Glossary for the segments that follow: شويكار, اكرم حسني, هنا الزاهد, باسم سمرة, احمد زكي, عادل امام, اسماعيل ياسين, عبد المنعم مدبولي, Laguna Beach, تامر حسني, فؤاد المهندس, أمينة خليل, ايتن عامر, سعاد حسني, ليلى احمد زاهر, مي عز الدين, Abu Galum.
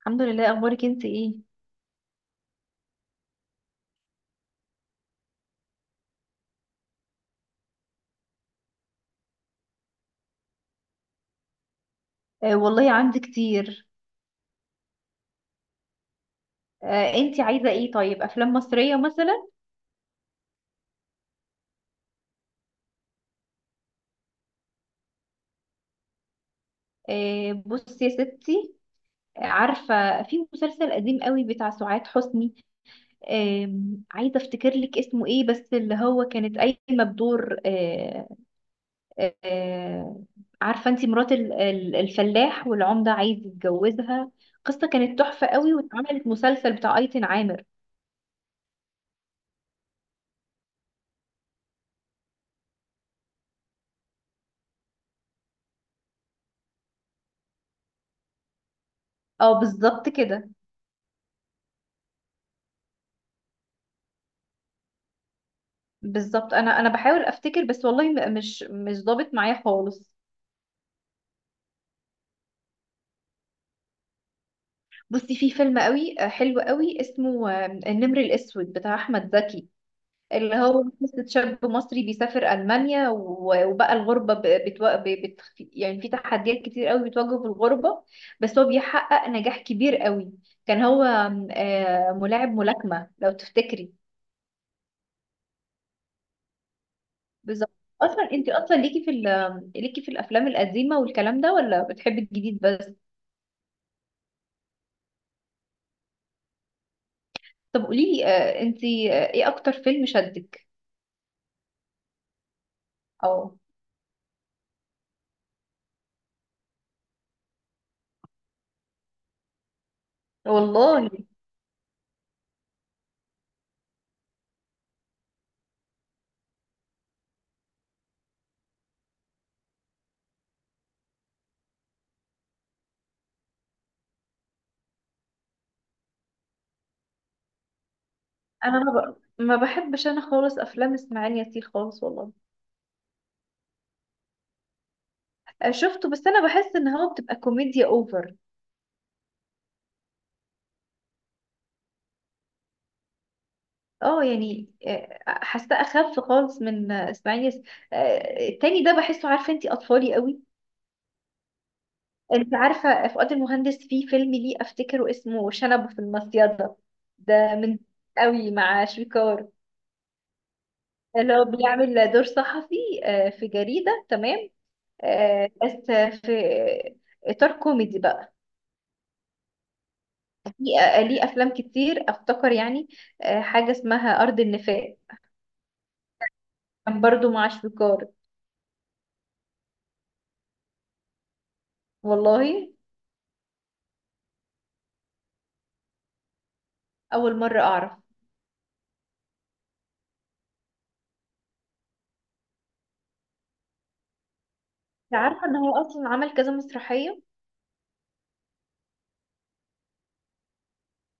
الحمد لله. اخبارك انت ايه؟ آه، والله عندي كتير. آه، انت عايزه ايه؟ طيب، افلام مصريه مثلا؟ آه، بصي يا ستي. عارفه، في مسلسل قديم قوي بتاع سعاد حسني. آه عايزه افتكر لك اسمه ايه، بس اللي هو كانت قايمه بدور. آه. آه عارفه انت، مرات الفلاح والعمده عايز يتجوزها. قصه كانت تحفه قوي، واتعملت مسلسل بتاع ايتن عامر. اه، بالظبط كده. بالظبط، انا بحاول افتكر، بس والله مش ضابط معايا خالص. بصي، في فيلم قوي حلو قوي، اسمه النمر الاسود، بتاع احمد زكي. اللي هو قصة شاب مصري بيسافر المانيا وبقى الغربه يعني في تحديات كتير قوي بتواجهه في الغربه. بس هو بيحقق نجاح كبير قوي. كان هو ملاعب ملاكمه، لو تفتكري. بالظبط. اصلا انت اصلا، ليكي ليكي في الافلام القديمه والكلام ده، ولا بتحبي الجديد بس؟ طب، قولي لي، انت ايه اكتر فيلم شدك؟ او. والله انا ما بحبش انا خالص افلام اسماعيل ياسين خالص، والله. شفته، بس انا بحس ان هو بتبقى كوميديا اوفر. اه، يعني حاساه اخف خالص من اسماعيل ياسين. التاني ده بحسه، عارفه انت، اطفالي قوي. انت عارفه، فؤاد المهندس في فيلم ليه، افتكره اسمه شنب في المصيده. ده من، قوي، مع شويكار. اللي هو بيعمل دور صحفي في جريده، تمام. بس في اطار كوميدي بقى. في ليه افلام كتير، افتكر، يعني حاجه اسمها ارض النفاق. كان برضو مع شويكار. والله، اول مره اعرف. أنت عارفه ان هو اصلا عمل كذا مسرحيه؟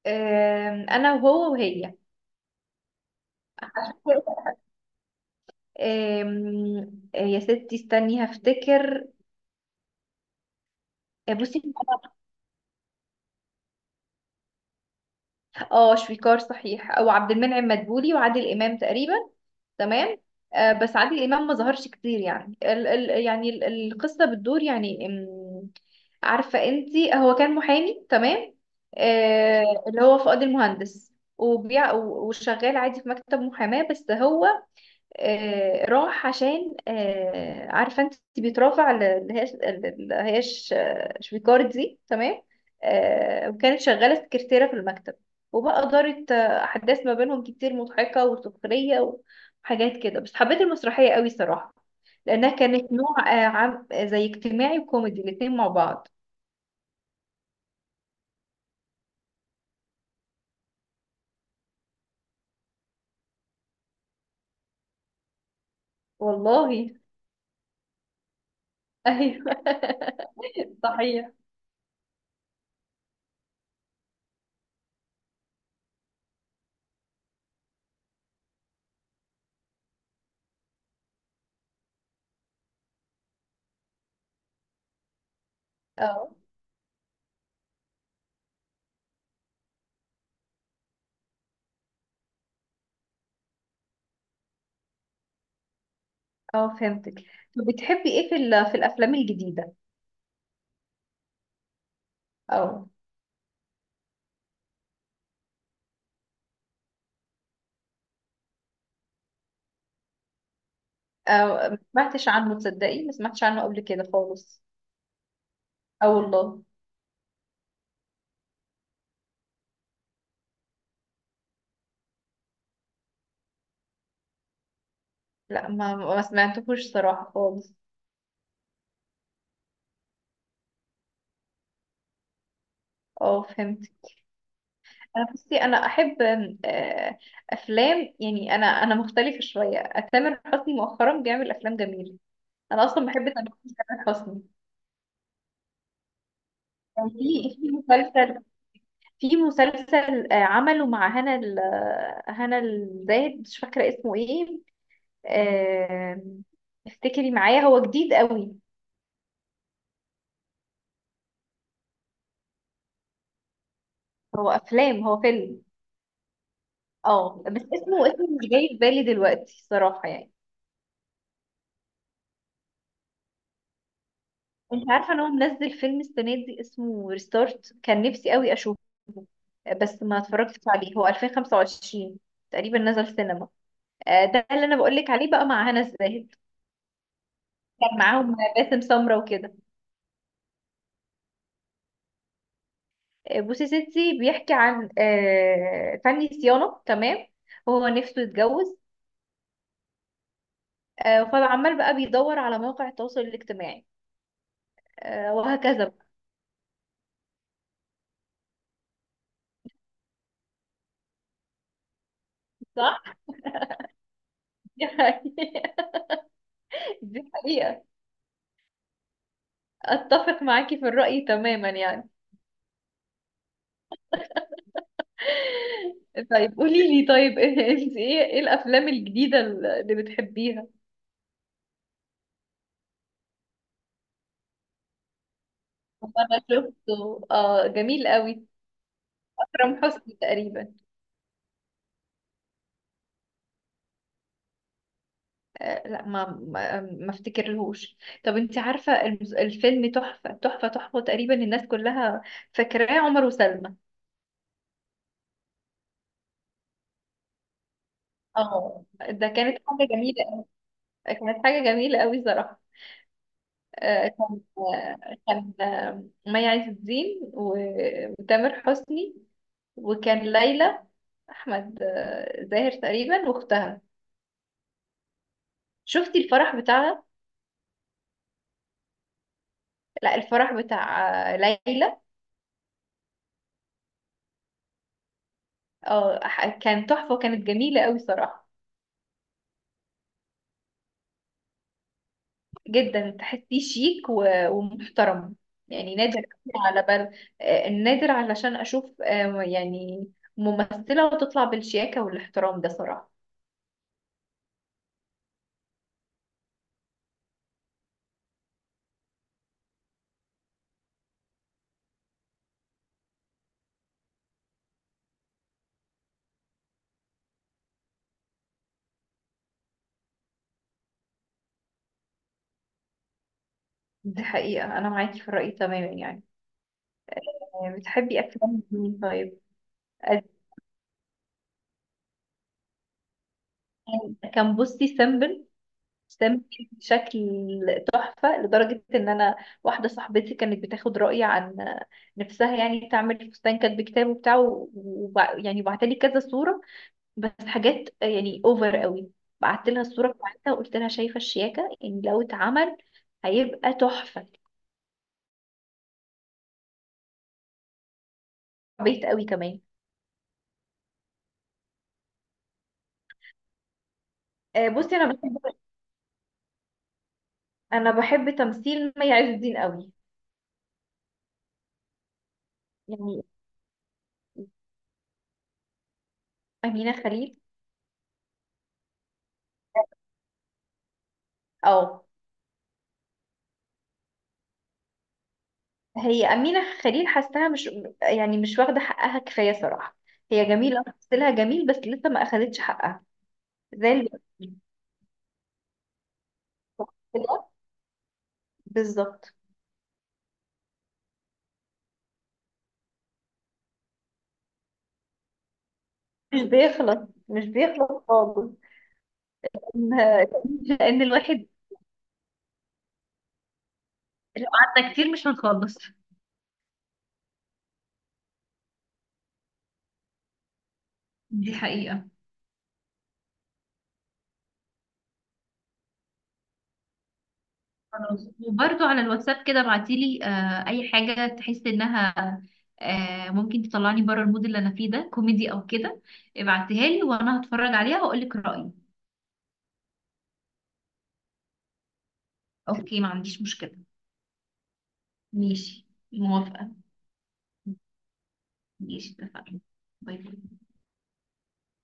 انا وهو وهي. يا ستي استني هفتكر. بصي. اه، شويكار صحيح، او عبد المنعم مدبولي وعادل امام تقريبا. تمام. بس عادل امام ما ظهرش كتير، يعني ال ال يعني القصه بتدور، يعني عارفه انت، هو كان محامي، تمام. اللي هو فؤاد المهندس، وشغال عادي في مكتب محاماه، بس هو راح، عشان عارفه انت، بيترافع اللي هي، اللي هي شويكارد دي، تمام. وكانت شغاله سكرتيره في المكتب، وبقى دارت احداث ما بينهم كتير، مضحكه وسخريه وحاجات كده، بس حبيت المسرحيه قوي صراحه، لانها كانت نوع عام زي اجتماعي وكوميدي، الاتنين مع بعض. والله ايوه. صحيح. اه، اه، فهمتك. طب، بتحبي ايه في في الافلام الجديده؟ اه. أو، ما سمعتش عنه، تصدقي، ما سمعتش عنه قبل كده خالص. اه، والله. لا، ما سمعتهوش صراحة خالص. اه، فهمت. انا، بصي، انا احب آم، آه، افلام، يعني انا مختلفة شوية. تامر حسني مؤخرا بيعمل افلام جميلة. انا اصلا بحب تامر، تامر حسني. كان في مسلسل، في مسلسل عمله مع هنا هنا الزاهد، مش فاكرة اسمه ايه. آم، افتكري معايا، هو جديد قوي. هو فيلم. اه، بس اسمه مش جاي في بالي دلوقتي، صراحة يعني. انت عارفة ان هو منزل فيلم السنة دي اسمه ريستارت، كان نفسي قوي اشوفه، بس ما اتفرجتش عليه. هو 2025 تقريبا نزل سينما. ده اللي انا بقولك عليه، بقى مع هنا الزاهد. كان معاهم باسم سمرة وكده. بوسي ستي، بيحكي عن فني صيانة، تمام. هو نفسه يتجوز، فعمال بقى بيدور على مواقع التواصل الاجتماعي، وهكذا بقى. صح؟ دي حقيقة. دي حقيقة. اتفق معاكي في الرأي تماما، يعني. طيب، قولي لي، طيب، انت ايه الافلام الجديدة اللي بتحبيها؟ انا شفته، اه، جميل قوي. اكرم حسني تقريبا. آه، لا، ما افتكرلهوش. طب، انت عارفة الفيلم تحفة تحفة تحفة، تقريبا الناس كلها فاكراه، عمر وسلمى. اه، ده كانت حاجة جميلة. كانت حاجة جميلة قوي صراحة. آه، كان آه، كان آه، مي عز الدين وتامر حسني. وكان ليلى، احمد زاهر تقريبا، واختها. شفتي الفرح بتاعها؟ لا، الفرح بتاع ليلى. اه، كان تحفه، وكانت جميله قوي صراحه. جدا، تحسيه شيك ومحترم. يعني نادر، على بل نادر، علشان اشوف يعني ممثله وتطلع بالشياكه والاحترام ده، صراحه. دي حقيقة، أنا معاكي في الرأي تماما يعني. بتحبي أفلام مين طيب؟ آه، كان بصي، سمبل سمك بشكل تحفة، لدرجة إن أنا، واحدة صاحبتي، كانت بتاخد رأيي عن نفسها، يعني تعمل فستان كاتب كتاب وبتاع يعني بعتلي كذا صورة، بس حاجات يعني أوفر قوي. بعت لها الصورة بتاعتها، وقلت لها شايفة الشياكة، يعني لو اتعمل هيبقى تحفة. بيت قوي كمان. بصي، أنا بحب، أنا بحب تمثيل مي عز الدين قوي، يعني. أمينة خليل. اه، هي أمينة خليل، حاساها مش، يعني مش واخدة حقها كفاية صراحة. هي جميلة، تمثيلها جميل، بس لسه ما أخدتش حقها، زي اللي، بالظبط. مش بيخلص، مش بيخلص خالص. كان- كان- لأن الواحد لو قعدنا كتير مش هنخلص. دي حقيقة. خلاص، وبرضو على الواتساب كده، ابعتيلي أي حاجة تحسي إنها ممكن تطلعني بره المود اللي أنا فيه، ده كوميدي أو كده، ابعتيها لي وأنا هتفرج عليها وأقولك رأيي. أوكي، ما عنديش مشكلة. ماشي، موافقة. ماشي، اتفقنا. باي باي.